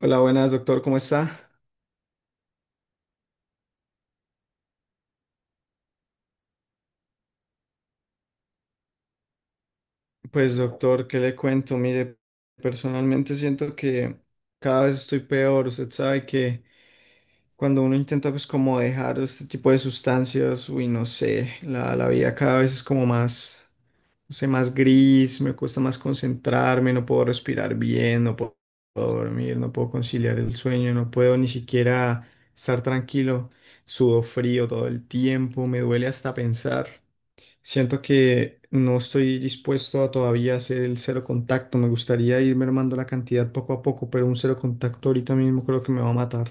Hola, buenas, doctor, ¿cómo está? Pues, doctor, ¿qué le cuento? Mire, personalmente siento que cada vez estoy peor. Usted sabe que cuando uno intenta, pues, como dejar este tipo de sustancias, uy, no sé, la vida cada vez es como más, no sé, más gris, me cuesta más concentrarme, no puedo respirar bien, no puedo dormir, no puedo conciliar el sueño, no puedo ni siquiera estar tranquilo, sudo frío todo el tiempo, me duele hasta pensar. Siento que no estoy dispuesto a todavía hacer el cero contacto. Me gustaría ir mermando la cantidad poco a poco, pero un cero contacto ahorita mismo creo que me va a matar.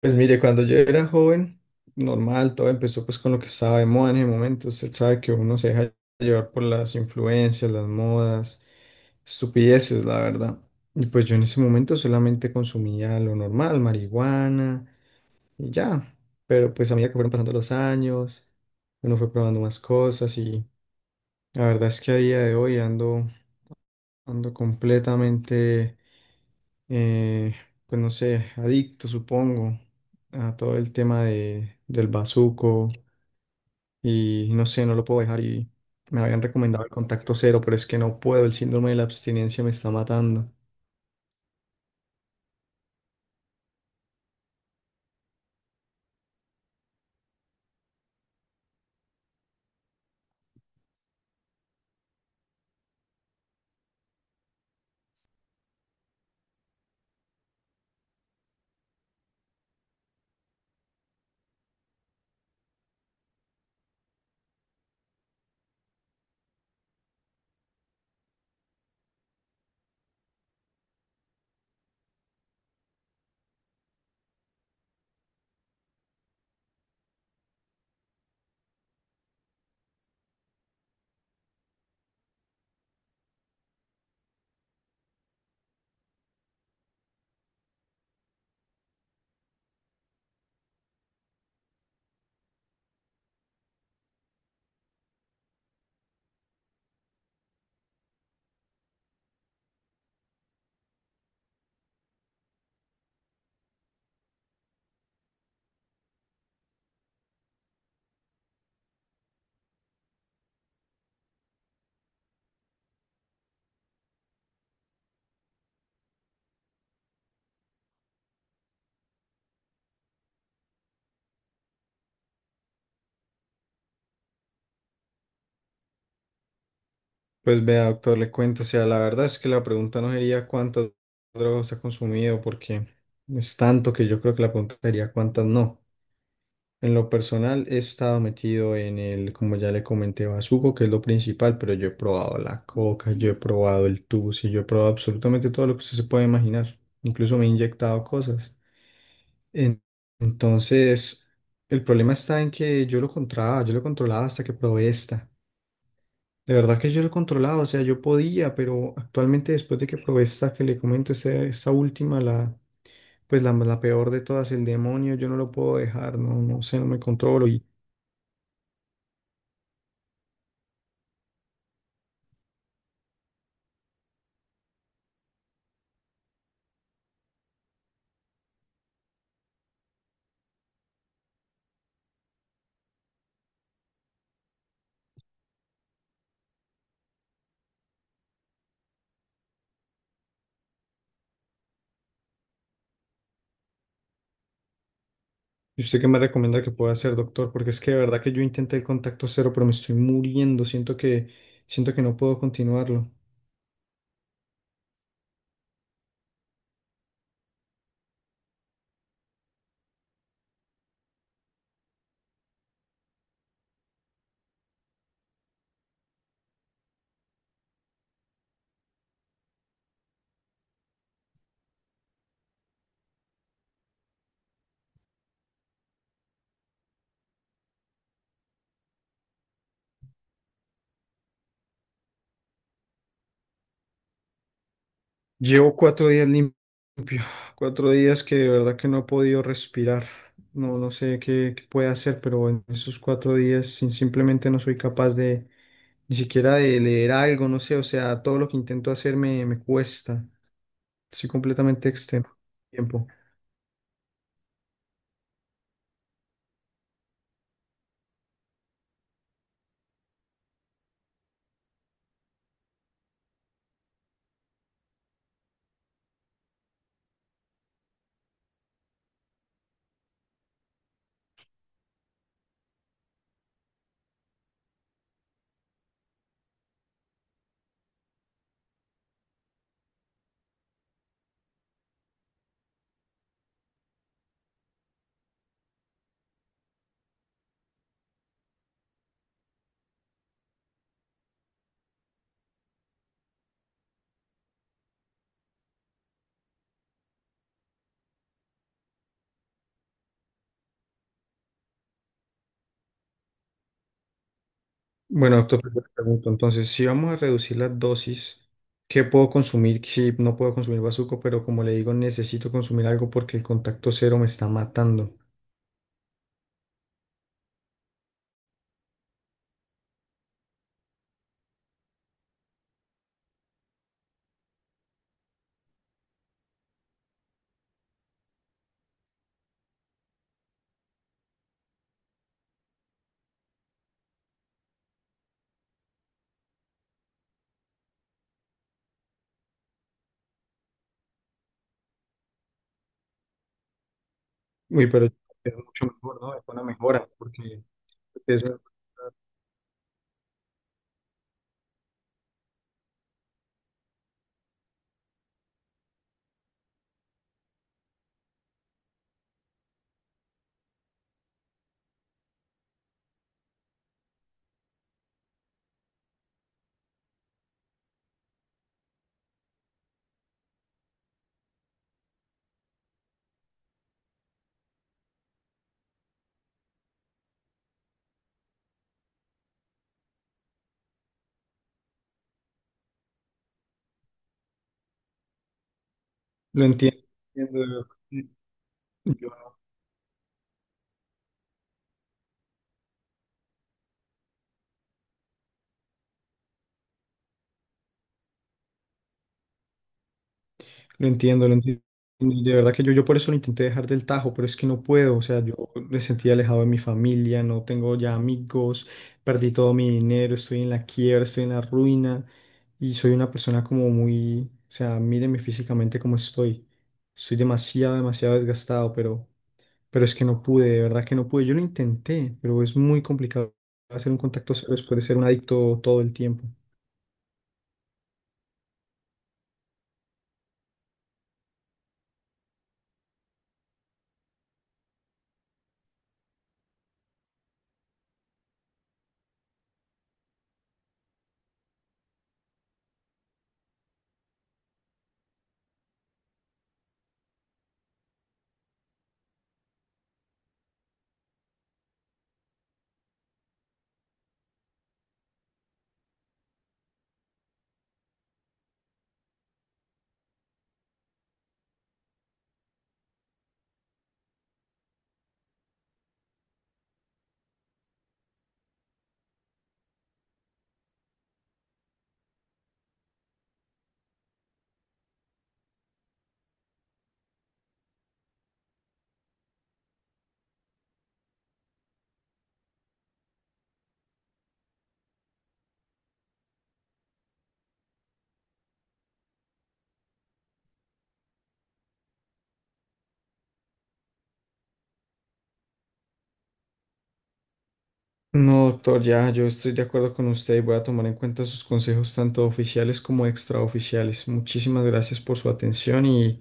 Pues mire, cuando yo era joven, normal, todo empezó pues con lo que estaba de moda en ese momento. Usted sabe que uno se deja llevar por las influencias, las modas, estupideces, la verdad. Y pues yo en ese momento solamente consumía lo normal, marihuana y ya. Pero pues a medida que fueron pasando los años, uno fue probando más cosas y la verdad es que a día de hoy ando, ando completamente, eh, pues no sé, adicto, supongo, a todo el tema del bazuco y no sé, no lo puedo dejar y me habían recomendado el contacto cero, pero es que no puedo, el síndrome de la abstinencia me está matando. Pues vea, doctor, le cuento, o sea, la verdad es que la pregunta no sería cuántas drogas ha consumido, porque es tanto que yo creo que la pregunta sería cuántas no. En lo personal he estado metido en el, como ya le comenté, bazuco, que es lo principal, pero yo he probado la coca, yo he probado el tusi, yo he probado absolutamente todo lo que usted se puede imaginar. Incluso me he inyectado cosas. En- Entonces, el problema está en que yo lo controlaba hasta que probé esta. De verdad que yo lo controlaba, o sea, yo podía, pero actualmente después de que probé esta que le comento, esta última, pues la peor de todas, el demonio, yo no lo puedo dejar, no, no sé, no me controlo. ¿Y usted qué me recomienda que pueda hacer, doctor? Porque es que de verdad que yo intenté el contacto cero, pero me estoy muriendo. Siento que no puedo continuarlo. Llevo 4 días limpio, 4 días que de verdad que no he podido respirar. No, no sé qué, qué puede hacer, pero en esos 4 días simplemente no soy capaz de ni siquiera de leer algo, no sé. O sea, todo lo que intento hacer me, me cuesta. Estoy completamente extenuado. Tiempo. Bueno, doctor, yo te pregunto, entonces, si vamos a reducir las dosis, ¿qué puedo consumir? Si no puedo consumir bazuco, pero como le digo, necesito consumir algo porque el contacto cero me está matando. Uy, pero es mucho mejor, ¿no? Es una mejora, porque es- lo entiendo. Entiendo, de verdad. Yo no lo entiendo, lo entiendo. Y de verdad que yo por eso lo intenté dejar del tajo, pero es que no puedo. O sea, yo me sentí alejado de mi familia, no tengo ya amigos, perdí todo mi dinero, estoy en la quiebra, estoy en la ruina y soy una persona como muy, o sea, míreme físicamente cómo estoy. Estoy demasiado, demasiado desgastado, pero es que no pude, de verdad que no pude. Yo lo intenté, pero es muy complicado hacer un contacto cero después de ser un adicto todo el tiempo. No, doctor, ya yo estoy de acuerdo con usted y voy a tomar en cuenta sus consejos tanto oficiales como extraoficiales. Muchísimas gracias por su atención y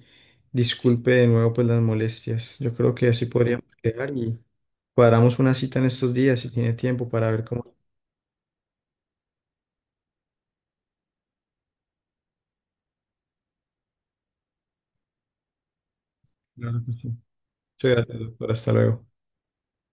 disculpe de nuevo pues las molestias. Yo creo que así podríamos quedar y cuadramos una cita en estos días si tiene tiempo para ver cómo. Claro que sí. Muchas gracias, doctor. Hasta luego.